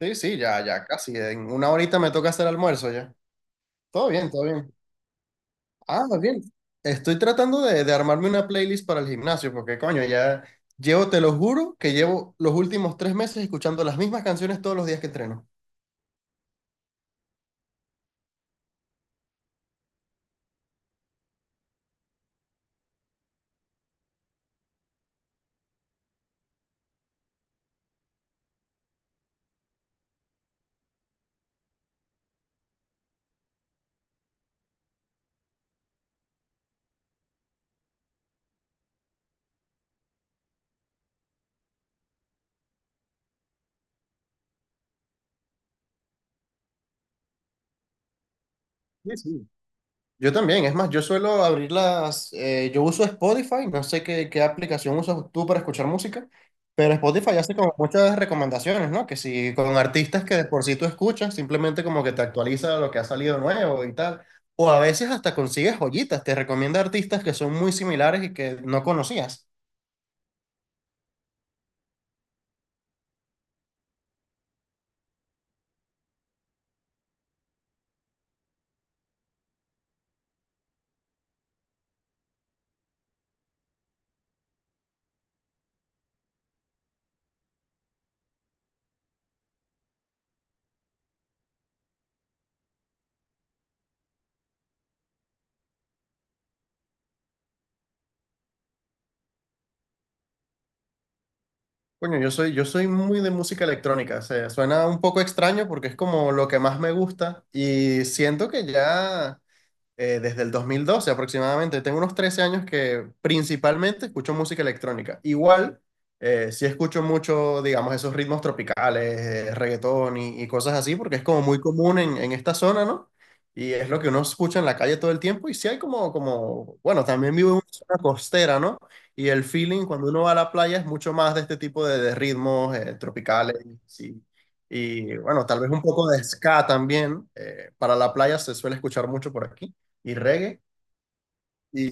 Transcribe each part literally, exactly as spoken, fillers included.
Sí, sí, ya, ya, casi. En una horita me toca hacer almuerzo ya. Todo bien, todo bien. Ah, muy bien. Estoy tratando de, de armarme una playlist para el gimnasio, porque coño, ya llevo, te lo juro, que llevo los últimos tres meses escuchando las mismas canciones todos los días que entreno. Sí, sí. Yo también, es más, yo suelo abrir las, eh, yo uso Spotify, no sé qué, qué aplicación usas tú para escuchar música, pero Spotify hace como muchas recomendaciones, ¿no? Que si con artistas que de por sí tú escuchas, simplemente como que te actualiza lo que ha salido nuevo y tal, o a veces hasta consigues joyitas, te recomienda artistas que son muy similares y que no conocías. Coño, yo soy, yo soy muy de música electrónica, o sea, suena un poco extraño porque es como lo que más me gusta y siento que ya eh, desde el dos mil doce aproximadamente. Tengo unos trece años que principalmente escucho música electrónica. Igual, eh, sí escucho mucho, digamos, esos ritmos tropicales, eh, reggaetón y, y cosas así, porque es como muy común en, en esta zona, ¿no? Y es lo que uno escucha en la calle todo el tiempo. Y sí hay como, como, bueno, también vivo en una zona costera, ¿no? Y el feeling cuando uno va a la playa es mucho más de este tipo de, de ritmos eh, tropicales. Sí. Y bueno, tal vez un poco de ska también. Eh, para la playa se suele escuchar mucho por aquí y reggae. Y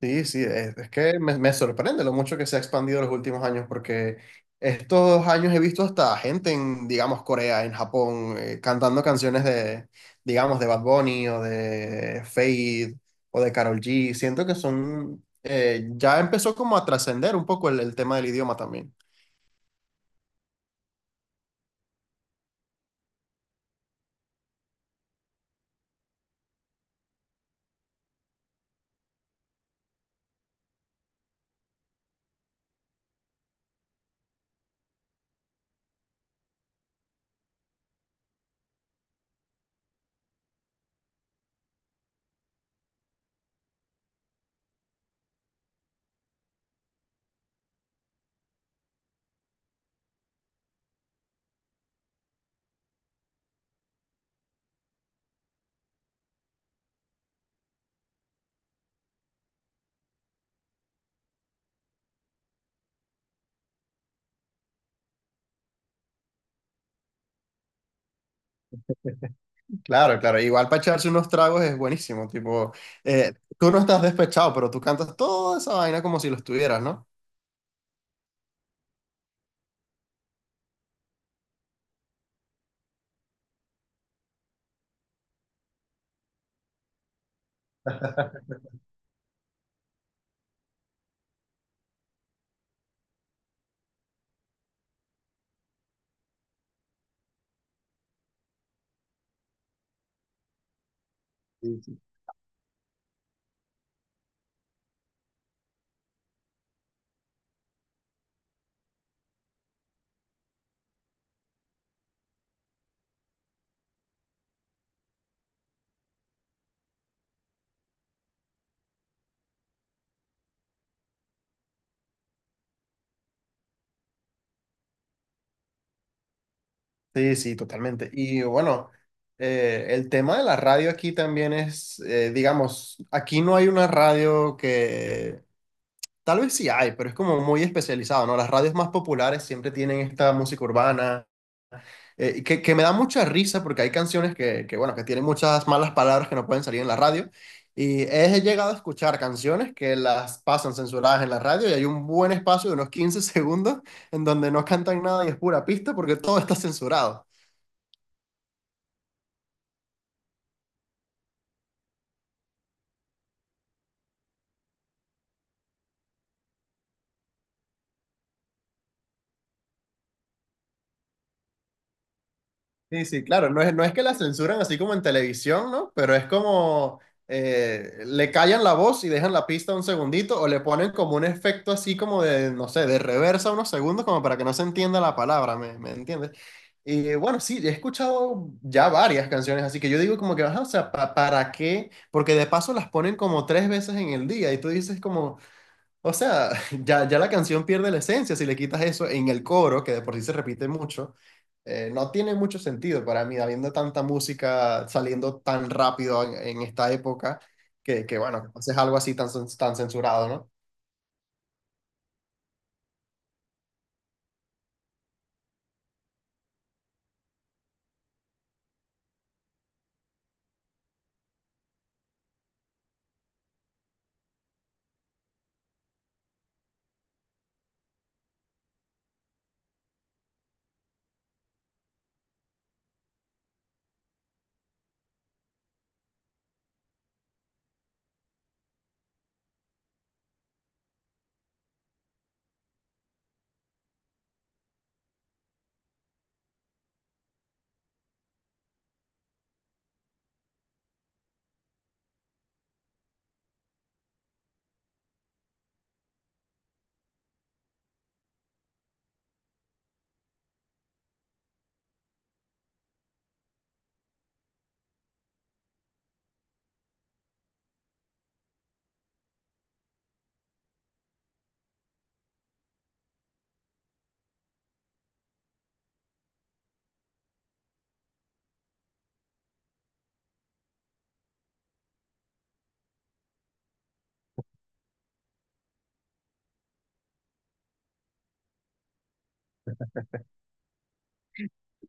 sí, sí, es, es que me, me sorprende lo mucho que se ha expandido los últimos años, porque estos años he visto hasta gente en, digamos, Corea, en Japón, eh, cantando canciones de, digamos, de Bad Bunny o de Fade o de Karol G. Siento que son, eh, ya empezó como a trascender un poco el, el tema del idioma también. Claro, claro, igual para echarse unos tragos es buenísimo, tipo, eh, tú no estás despechado, pero tú cantas toda esa vaina como si lo estuvieras, ¿no? Sí, sí, totalmente. Y bueno, eh, el tema de la radio aquí también es, eh, digamos, aquí no hay una radio que, tal vez sí hay, pero es como muy especializado, ¿no? Las radios más populares siempre tienen esta música urbana, eh, y que, que me da mucha risa porque hay canciones que, que, bueno, que tienen muchas malas palabras que no pueden salir en la radio. Y he llegado a escuchar canciones que las pasan censuradas en la radio y hay un buen espacio de unos quince segundos en donde no cantan nada y es pura pista porque todo está censurado. Sí, sí, claro, no es, no es que la censuran así como en televisión, ¿no? Pero es como eh, le callan la voz y dejan la pista un segundito o le ponen como un efecto así como de, no sé, de reversa unos segundos como para que no se entienda la palabra, ¿me, me entiendes? Y bueno, sí, he escuchado ya varias canciones, así que yo digo como que, ajá, o sea, pa- ¿para qué? Porque de paso las ponen como tres veces en el día y tú dices como, o sea, ya, ya la canción pierde la esencia si le quitas eso en el coro, que de por sí se repite mucho. Eh, no tiene mucho sentido para mí, habiendo tanta música saliendo tan rápido en, en esta época, que, que bueno, haces algo así tan, cen- tan censurado, ¿no?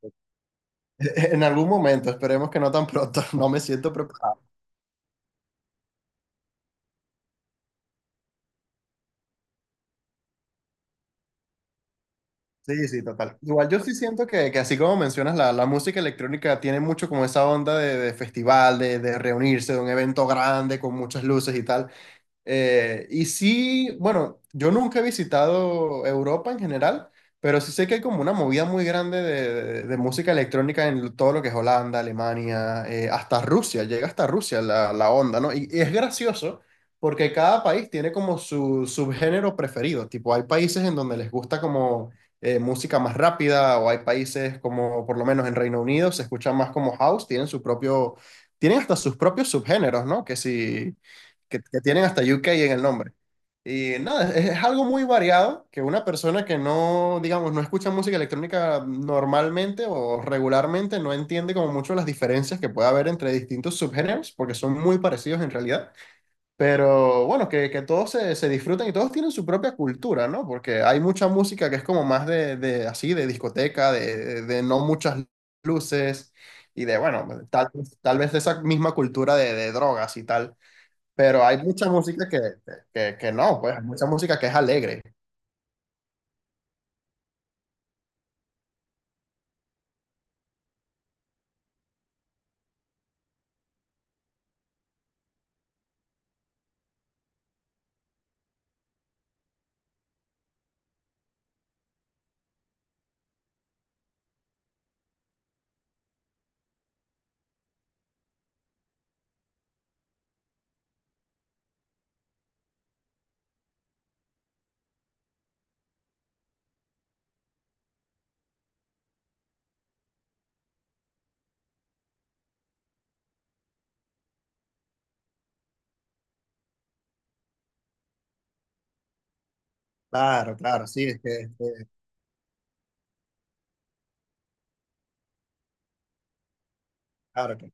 En algún momento, esperemos que no tan pronto, no me siento preparado. Sí, sí, total. Igual yo sí siento que, que así como mencionas, la, la música electrónica tiene mucho como esa onda de, de festival, de, de reunirse, de un evento grande con muchas luces y tal. Eh, y sí, bueno, yo nunca he visitado Europa en general, pero sí sé que hay como una movida muy grande de, de- de música electrónica en todo lo que es Holanda, Alemania, eh, hasta Rusia, llega hasta Rusia la, la onda, ¿no? Y, y es gracioso porque cada país tiene como su subgénero preferido, tipo hay países en donde les gusta como eh, música más rápida o hay países como por lo menos en Reino Unido se escucha más como house, tienen su propio, tienen hasta sus propios subgéneros, ¿no? Que si que, que tienen hasta U K en el nombre. Y nada, es, es algo muy variado que una persona que no, digamos, no escucha música electrónica normalmente o regularmente no entiende como mucho las diferencias que puede haber entre distintos subgéneros, porque son muy parecidos en realidad. Pero bueno, que, que todos se, se disfrutan y todos tienen su propia cultura, ¿no? Porque hay mucha música que es como más de, de así, de discoteca, de, de, de no muchas luces y de, bueno, tal, tal vez de esa misma cultura de, de drogas y tal. Pero hay mucha música que, que, que no, pues hay mucha música que es alegre. Claro, claro, sí, es que, es que- claro que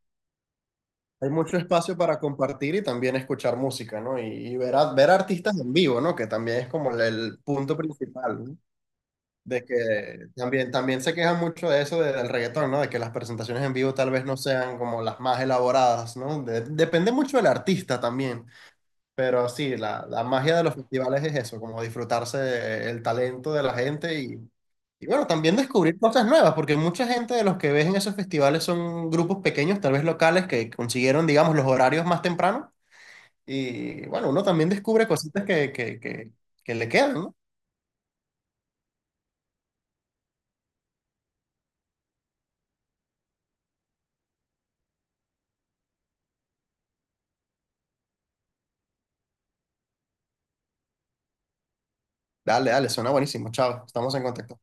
hay mucho espacio para compartir y también escuchar música, ¿no? Y, y ver, a- ver artistas en vivo, ¿no? Que también es como el, el punto principal, ¿no? De que también, también se queja mucho de eso de- del reggaetón, ¿no? De que las presentaciones en vivo tal vez no sean como las más elaboradas, ¿no? De- depende mucho del artista también. Pero sí, la, la magia de los festivales es eso, como disfrutarse el talento de la gente y, Y bueno, también descubrir cosas nuevas, porque mucha gente de los que ves en esos festivales son grupos pequeños, tal vez locales, que consiguieron, digamos, los horarios más temprano. Y bueno, uno también descubre cositas que, que, que, que le quedan, ¿no? Dale, dale, suena buenísimo. Chao, estamos en contacto.